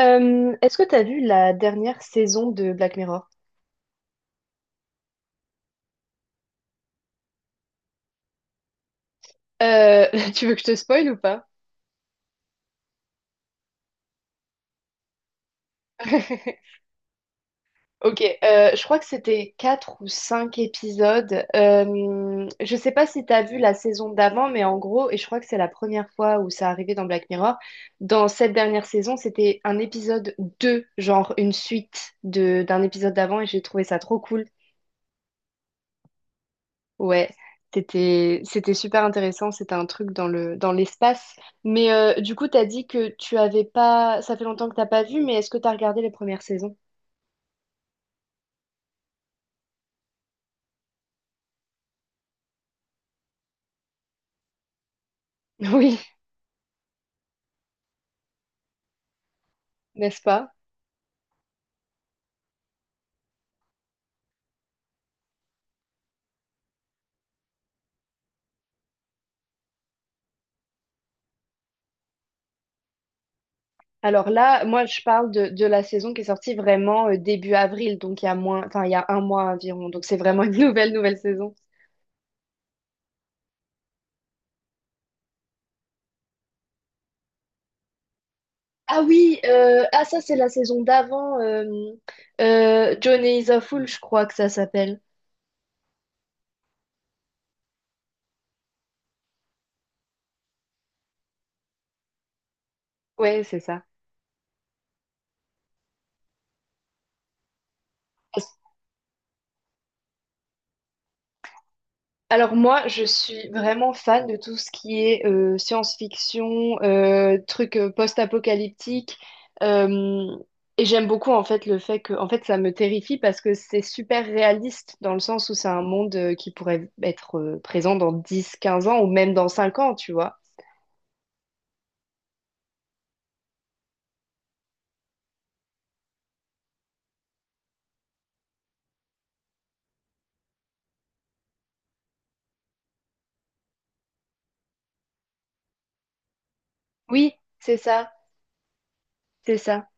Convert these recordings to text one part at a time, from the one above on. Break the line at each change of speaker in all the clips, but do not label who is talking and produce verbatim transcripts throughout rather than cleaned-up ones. Euh, est-ce que t'as vu la dernière saison de Black Mirror? Euh, Tu veux que je te spoil ou pas? Ok, euh, je crois que c'était quatre ou cinq épisodes. Euh, je sais pas si t'as vu la saison d'avant, mais en gros, et je crois que c'est la première fois où ça arrivait dans Black Mirror, dans cette dernière saison, c'était un épisode deux, genre une suite de d'un épisode d'avant, et j'ai trouvé ça trop cool. Ouais, c'était c'était super intéressant, c'était un truc dans le dans l'espace. Mais euh, du coup, t'as dit que tu avais pas, ça fait longtemps que t'as pas vu, mais est-ce que t'as regardé les premières saisons? Oui, n'est-ce pas? Alors là, moi, je parle de, de la saison qui est sortie vraiment euh, début avril, donc il y a moins, enfin il y a un mois environ, donc c'est vraiment une nouvelle nouvelle saison. Ah oui, euh, ah ça c'est la saison d'avant, euh, euh, Johnny is a Fool, je crois que ça s'appelle. Ouais, c'est ça. Alors moi, je suis vraiment fan de tout ce qui est euh, science-fiction, euh, trucs euh, post-apocalyptiques, euh, et j'aime beaucoup en fait le fait que, en fait, ça me terrifie parce que c'est super réaliste dans le sens où c'est un monde euh, qui pourrait être euh, présent dans dix, quinze ans ou même dans cinq ans, tu vois. Oui, c'est ça, c'est ça.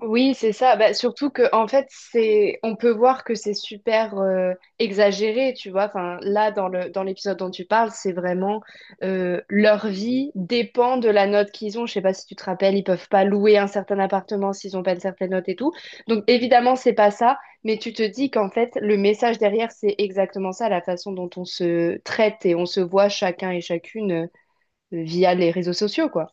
Oui, c'est ça. Bah, surtout que en fait, c'est, on peut voir que c'est super euh, exagéré, tu vois. Enfin, là, dans le dans l'épisode dont tu parles, c'est vraiment euh, leur vie dépend de la note qu'ils ont. Je sais pas si tu te rappelles, ils peuvent pas louer un certain appartement s'ils ont pas une certaine note et tout. Donc évidemment, c'est pas ça. Mais tu te dis qu'en fait, le message derrière, c'est exactement ça, la façon dont on se traite et on se voit chacun et chacune euh, via les réseaux sociaux, quoi.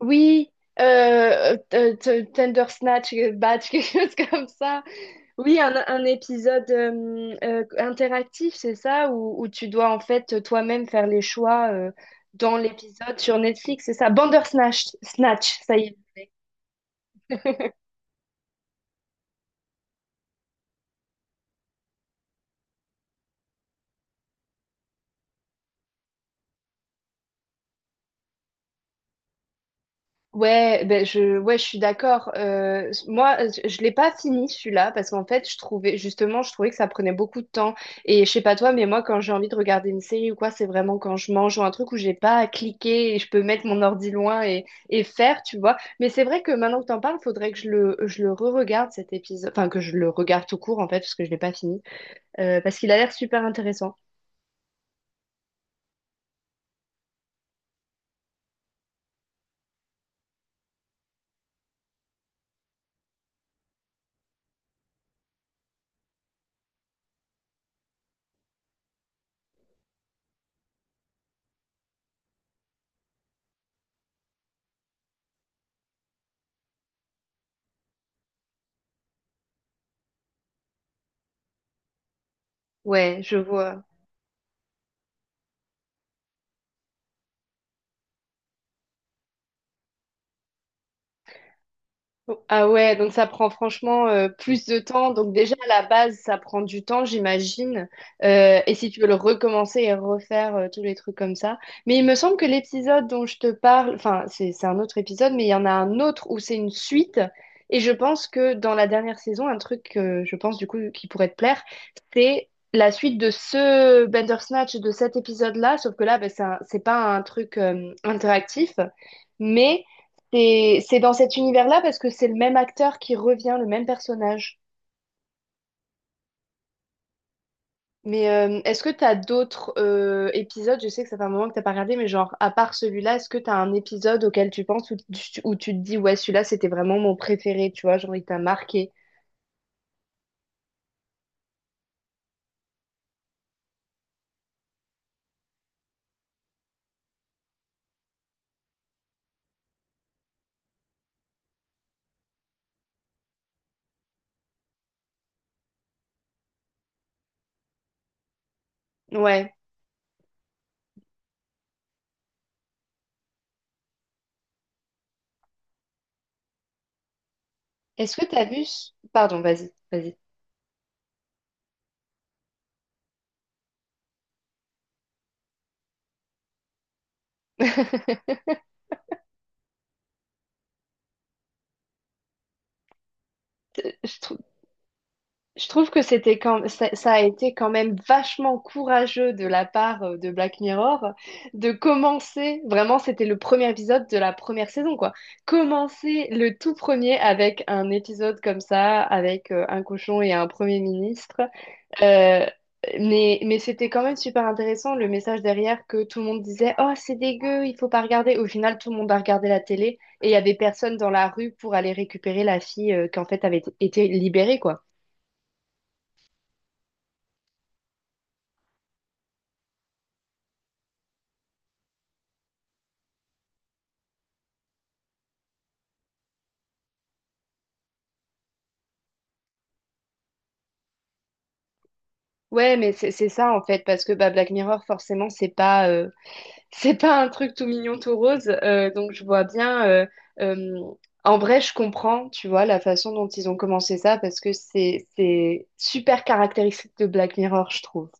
Oui, euh, euh, t- Tender Snatch, euh, Batch, quelque chose comme ça. Oui, un, un épisode euh, euh, interactif, c'est ça, où, où tu dois en fait toi-même faire les choix euh, dans l'épisode sur Netflix, c'est ça. Bandersnatch, Snatch, ça y est. Ouais, ben je, ouais, je suis d'accord. Euh, moi, je, je l'ai pas fini celui-là parce qu'en fait, je trouvais justement, je trouvais que ça prenait beaucoup de temps. Et je sais pas toi, mais moi, quand j'ai envie de regarder une série ou quoi, c'est vraiment quand je mange ou un truc où j'ai pas à cliquer et je peux mettre mon ordi loin et, et faire, tu vois. Mais c'est vrai que maintenant que t'en parles, faudrait que je le, je le re-regarde cet épisode, enfin que je le regarde tout court en fait parce que je l'ai pas fini. Euh, parce qu'il a l'air super intéressant. Ouais, je vois. Ah ouais, donc ça prend franchement euh, plus de temps. Donc déjà à la base, ça prend du temps, j'imagine. Euh, et si tu veux le recommencer et refaire euh, tous les trucs comme ça. Mais il me semble que l'épisode dont je te parle, enfin c'est c'est un autre épisode, mais il y en a un autre où c'est une suite. Et je pense que dans la dernière saison, un truc que je pense du coup qui pourrait te plaire, c'est la suite de ce Bandersnatch de cet épisode-là. Sauf que là, ben, c'est un- c'est pas un truc euh, interactif, mais c'est c'est dans cet univers-là parce que c'est le même acteur qui revient, le même personnage. Mais euh, est-ce que tu as d'autres euh, épisodes? Je sais que ça fait un moment que t'as pas regardé, mais genre, à part celui-là, est-ce que tu as un épisode auquel tu penses où tu, où tu te dis, ouais, celui-là, c'était vraiment mon préféré, tu vois, genre, il t'a marqué. Ouais. Est-ce que tu as vu... ce- Pardon, vas-y, vas-y. Je trou- Je trouve que c'était quand ça, ça a été quand même vachement courageux de la part euh, de Black Mirror de commencer, vraiment c'était le premier épisode de la première saison quoi, commencer le tout premier avec un épisode comme ça, avec euh, un cochon et un premier ministre. Euh, mais mais c'était quand même super intéressant le message derrière que tout le monde disait «Oh c'est dégueu, il faut pas regarder». Au final tout le monde a regardé la télé et il y avait personne dans la rue pour aller récupérer la fille euh, qui en fait avait été libérée quoi. Ouais, mais c'est c'est ça en fait, parce que bah, Black Mirror, forcément, c'est pas euh, c'est pas un truc tout mignon, tout rose. Euh, donc je vois bien. euh, euh, En vrai, je comprends, tu vois, la façon dont ils ont commencé ça, parce que c'est c'est super caractéristique de Black Mirror, je trouve.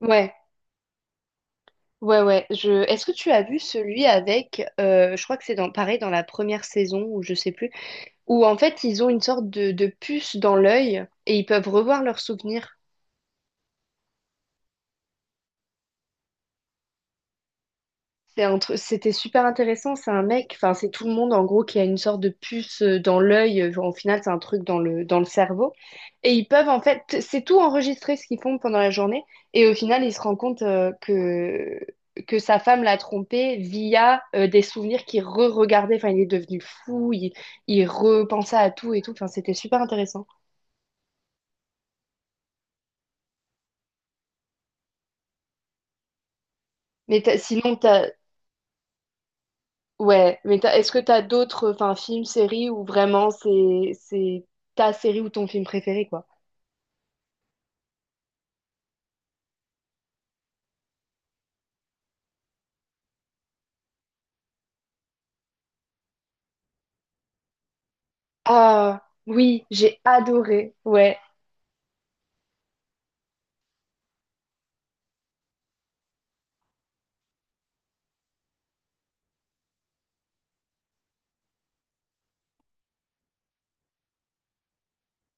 Ouais, ouais, ouais. Je... Est-ce que tu as vu celui avec, euh, je crois que c'est dans, pareil dans la première saison, ou je sais plus, où en fait ils ont une sorte de, de puce dans l'œil et ils peuvent revoir leurs souvenirs. C'est un tru- C'était super intéressant. C'est un mec, enfin, c'est tout le monde en gros qui a une sorte de puce euh, dans l'œil. Euh, En final, c'est un truc dans le, dans le cerveau. Et ils peuvent en fait, c'est tout enregistré ce qu'ils font pendant la journée. Et au final, il se rend compte euh, que, que sa femme l'a trompé via euh, des souvenirs qu'il re-regardait. Enfin, il est devenu fou, il, il repensait à tout et tout. Enfin, c'était super intéressant. Mais t'as- sinon, t'as, ouais, mais t'as- est-ce que t'as d'autres, enfin, films, séries où vraiment c'est, c'est ta série ou ton film préféré, quoi? Ah oui, j'ai adoré. Ouais,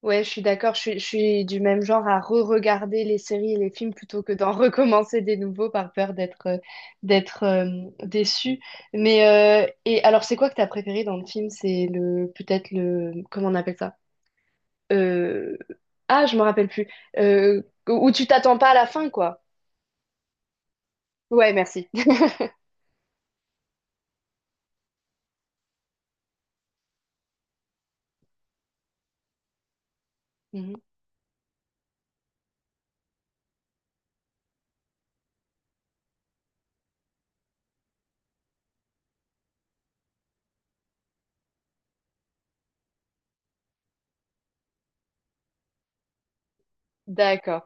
ouais, je suis d'accord. Je suis, je suis du même genre à re-regarder les séries et les films plutôt que d'en recommencer des nouveaux par peur d'être euh, d'être euh, déçue. Mais euh, et alors, c'est quoi que t'as préféré dans le film? C'est le peut-être le comment on appelle ça? Euh, ah, je me rappelle plus. Euh, Où tu t'attends pas à la fin, quoi. Ouais, merci. Mhm. D'accord.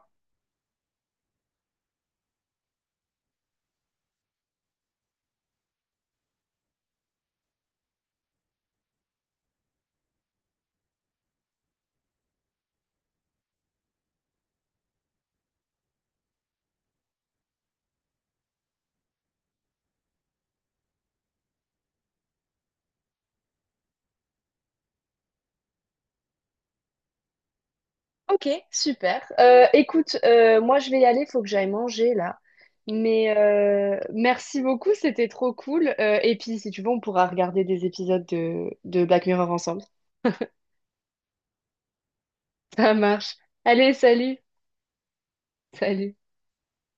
Ok, super. Euh, écoute, euh, moi je vais y aller, faut que j'aille manger là. Mais euh, merci beaucoup, c'était trop cool. Euh, et puis si tu veux, on pourra regarder des épisodes de, de Black Mirror ensemble. Ça marche. Allez, salut. Salut.